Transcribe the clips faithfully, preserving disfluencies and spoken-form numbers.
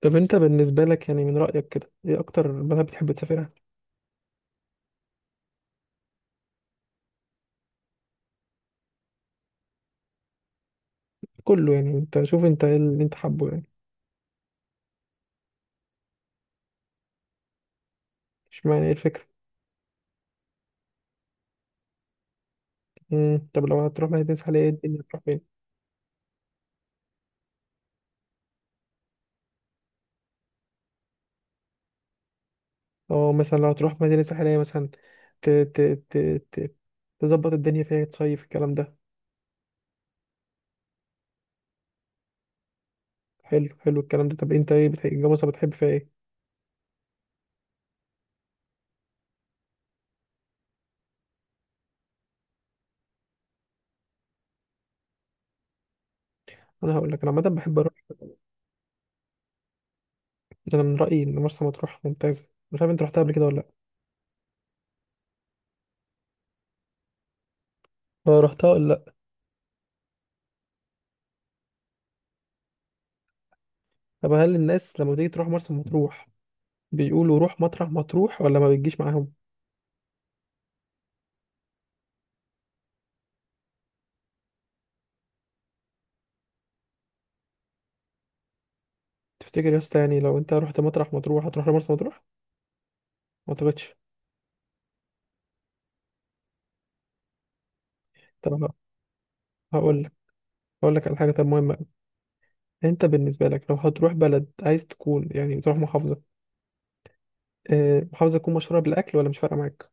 طب انت بالنسبة لك يعني من رأيك كده ايه اكتر بلد بتحب تسافرها. كله يعني انت شوف انت ايه اللي انت حابه يعني. اشمعنى ايه الفكرة؟ مم. طب لو هتروح مدينة ساحلية ايه الدنيا هتروح فين؟ اه مثلا لو هتروح مدينة ساحلية مثلا ت ت ت ت تظبط الدنيا فيها تصيف الكلام ده. حلو حلو الكلام ده. طب انت ايه بتحب مرسى بتحب فيها ايه؟ انا هقول لك انا عامة بحب اروح. انا من رأيي ان مرسى مطروح ممتازة، مش عارف انت رحتها قبل كده ولا لا. اه رحتها ولا لا؟ طب هل الناس لما تيجي تروح مرسى مطروح بيقولوا روح مطرح مطروح ولا ما بتجيش معاهم؟ تفتكر يا اسطى يعني لو انت رحت مطرح مطروح هتروح لمرسى مطروح؟ ما اعتقدش. طب هقول لك، هقول لك على حاجه طب مهمه أوي. انت بالنسبه لك لو هتروح بلد عايز تكون يعني تروح محافظه، آه، محافظه تكون مشهوره بالاكل ولا مش فارقه معاك؟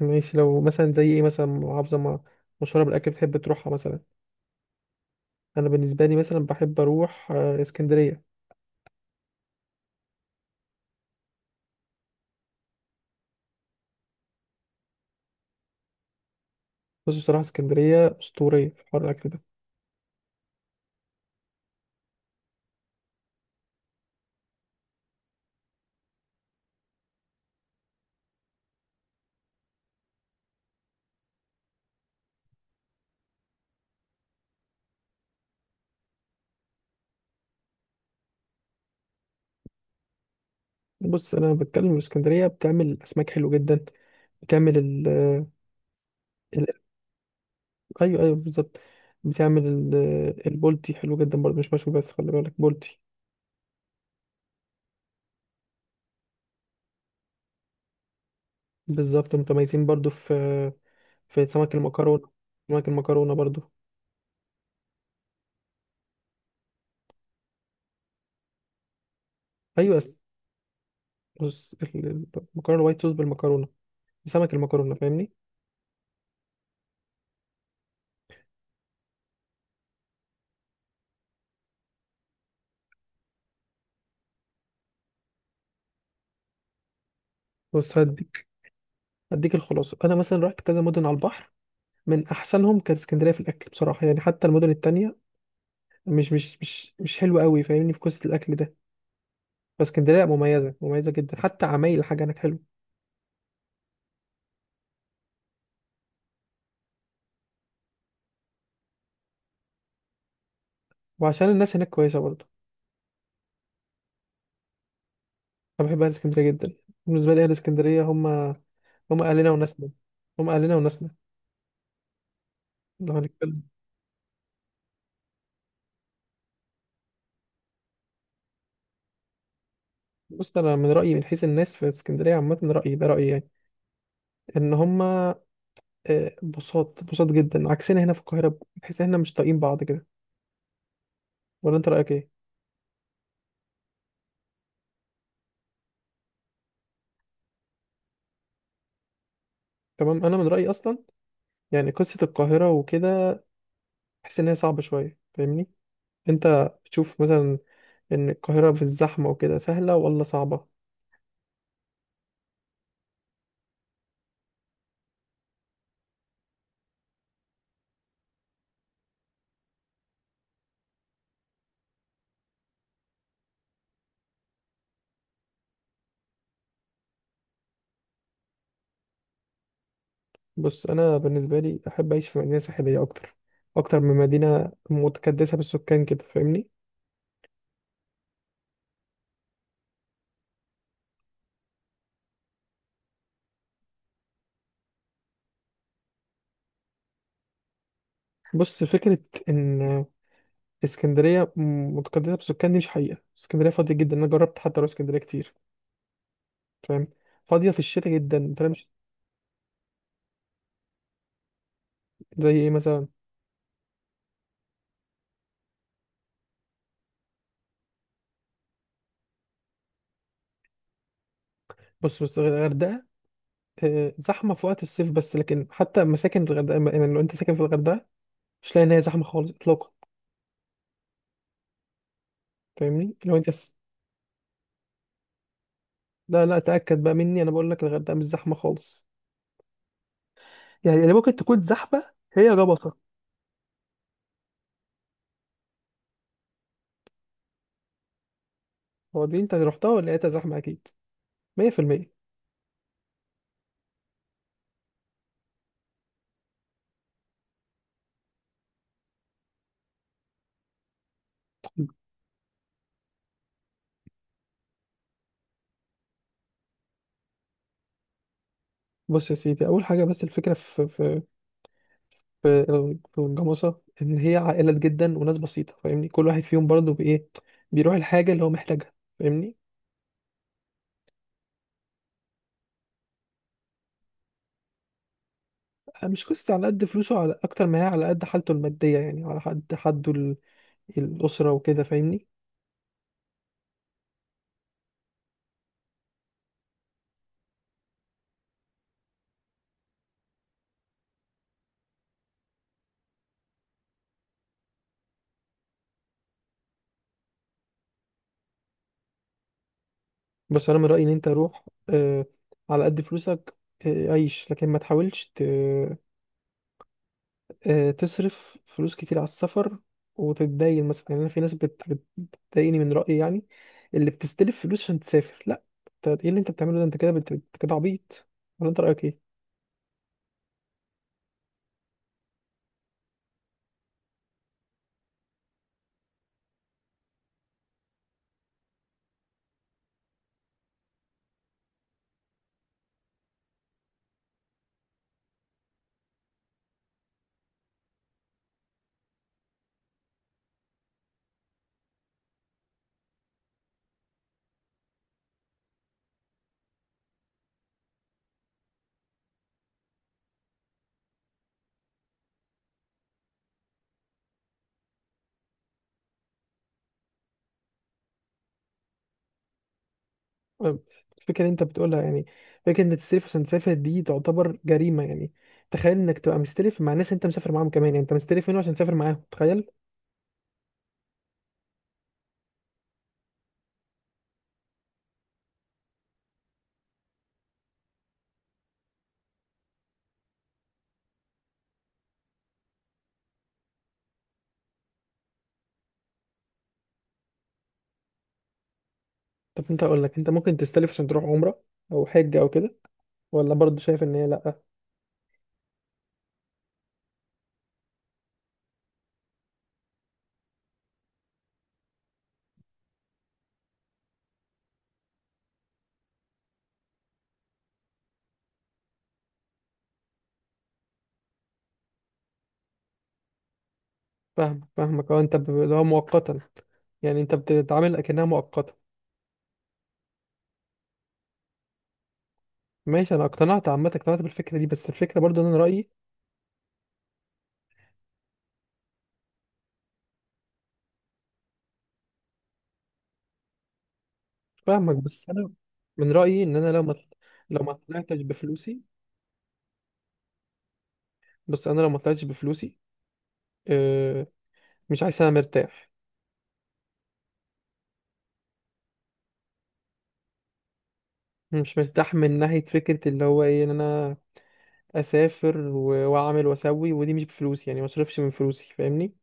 ماشي لو مثلا زي ايه، مثلا محافظه ما مشهوره بالاكل بتحب تروحها مثلا. انا بالنسبه لي مثلا بحب اروح آه، اسكندريه. بص بصراحه اسكندريه اسطوريه في حوار الاكل ده. بص انا بتكلم من اسكندريه بتعمل اسماك حلو جدا. بتعمل ال. ايوه ايوه بالظبط. بتعمل ال- البولتي حلو جدا برضه، مش مشوي بس خلي بالك بولتي. بالظبط متميزين برضه في في سمك المكرونه. سمك المكرونه برضه. ايوه بس. بص ال- ال- المكرونه الوايت صوص بالمكرونه، سمك المكرونه فاهمني. بص هديك هديك الخلاصه، انا مثلا رحت كذا مدن على البحر، من احسنهم كانت اسكندريه في الاكل بصراحه يعني، حتى المدن التانية مش مش مش مش حلوه قوي فاهمني، في قصه الاكل ده. فاسكندريه مميزه مميزه جدا، حتى عمايل الحاجه هناك حلوه، وعشان الناس هناك كويسه برضه. أنا بحب أهل اسكندرية جدا. بالنسبة لي أهل اسكندرية هم هم أهلنا وناسنا. هم أهلنا وناسنا. لو هنتكلم، بص أنا من رأيي من حيث الناس في اسكندرية عامة، رأيي ده رأيي يعني، إن هم آه، بساط بساط جدا، عكسنا هنا في القاهرة بحيث إحنا مش طايقين بعض كده. ولا أنت رأيك إيه؟ تمام، أنا من رأيي أصلا يعني قصة القاهرة وكده بحس إن هي صعبة شوية فاهمني؟ أنت بتشوف مثلا إن القاهرة في الزحمة وكده سهلة ولا صعبة؟ بص انا بالنسبه لي احب اعيش في مدينه ساحليه اكتر، اكتر من مدينه متكدسه بالسكان كده فاهمني. بص فكره ان اسكندريه متكدسه بالسكان دي مش حقيقه، اسكندريه فاضيه جدا، انا جربت حتى اروح اسكندريه كتير فاهم. فاضيه في الشتاء جدا انت مش. زي ايه مثلا. بص بص الغردقه آه، زحمه في وقت الصيف بس، لكن حتى مساكن الغردقه يعني لو انت ساكن في الغردقه مش لاقي ان هي زحمه خالص اطلاقا فاهمني لو انت. لا لا تاكد بقى مني، انا بقول لك الغردقه مش زحمه خالص. يعني يعني ممكن تكون زحمة هي ربطة. هو دي أنت رحتها ولا لقيتها زحمة؟ أكيد مية في المية. بص يا سيدي، أول حاجة بس الفكرة في في في في الجاموسة إن هي عائلات جدا وناس بسيطة فاهمني، كل واحد فيهم برضه بإيه بيروح الحاجة اللي هو محتاجها فاهمني. مش قصة على قد فلوسه، على أكتر ما هي على قد حالته المادية يعني، على قد حده ال- الأسرة وكده فاهمني. بس أنا من رأيي إن أنت روح آه على قد فلوسك، آه عيش، لكن ما تحاولش آه، تصرف فلوس كتير على السفر وتتدين مثلا يعني. انا في ناس بت- بت- بتضايقني من رأيي يعني اللي بتستلف فلوس عشان تسافر. لا، انت ايه اللي انت بتعمله ده؟ انت كده بت- بت- كده عبيط، ولا انت رأيك ايه؟ آه، الفكرة اللي انت بتقولها يعني، فكرة انك تستلف عشان تسافر دي تعتبر جريمة يعني. تخيل انك تبقى مستلف مع ناس انت مسافر معاهم كمان يعني، انت مستلف منه عشان تسافر معاهم، تخيل. طب انت اقول لك، انت ممكن تستلف عشان تروح عمرة او حج او كده؟ ولا برضه شايف ان هي لا؟ فاهمك فاهمك اه، انت ب- اللي هو مؤقتا يعني، انت بتتعامل اكنها مؤقته. ماشي انا اقتنعت عامه، اقتنعت بالفكره دي، بس الفكره برضو ان انا رايي. فاهمك، بس انا من رايي ان انا لو ما، لو ما طلعتش بفلوسي بس انا لو ما طلعتش بفلوسي، اه، مش عايز، انا مرتاح. مش مرتاح من ناحيه فكره اللي هو ايه، ان انا اسافر و- واعمل واسوي، ودي مش بفلوسي يعني ما اصرفش من فلوسي فاهمني.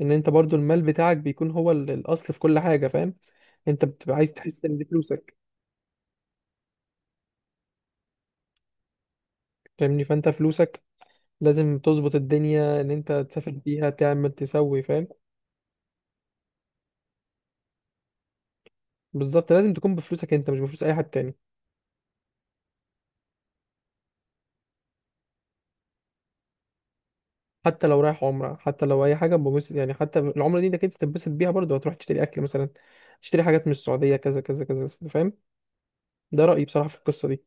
ان انت برضو المال بتاعك بيكون هو ال- الاصل في كل حاجه فاهم. انت بتبقى عايز تحس ان دي فلوسك فاهمني. فانت فلوسك لازم تظبط الدنيا ان انت تسافر بيها، تعمل، تسوي فاهم. بالظبط، لازم تكون بفلوسك انت مش بفلوس اي حد تاني. حتى لو رايح عمره، حتى لو اي حاجه، ببص يعني، حتى العمره دي انك انت تتبسط بيها برضه هتروح تشتري اكل مثلا، تشتري حاجات من السعوديه، كذا كذا كذا فاهم. ده رايي بصراحه في القصه دي.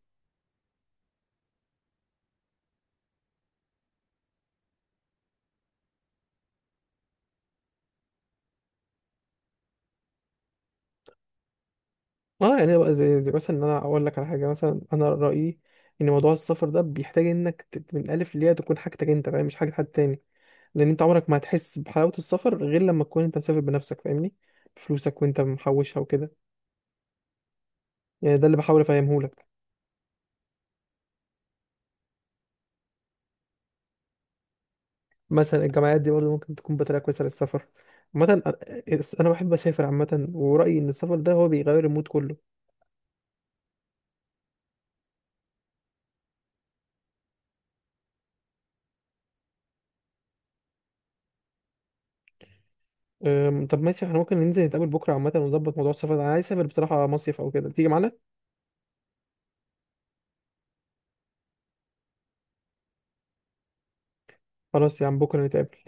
اه يعني بقى زي زي مثلا، ان انا اقول لك على حاجه، مثلا انا رايي ان موضوع السفر ده بيحتاج انك ت- من الالف للياء تكون حاجتك انت فاهم، مش حاجه حد تاني. لان انت عمرك ما هتحس بحلاوه السفر غير لما تكون انت مسافر بنفسك فاهمني، بفلوسك وانت محوشها وكده. يعني ده اللي بحاول افهمه لك. مثلا الجامعات دي برضه ممكن تكون بطريقه كويسه للسفر عامه. أ- انا بحب اسافر عامه، ورايي ان السفر ده هو بيغير المود كله. أم، طب ماشي، احنا ممكن ننزل نتقابل بكره عامه ونظبط موضوع السفر ده، انا عايز اسافر بصراحه مصيف او كده، تيجي معانا؟ خلاص يا عم، بكره نتقابل.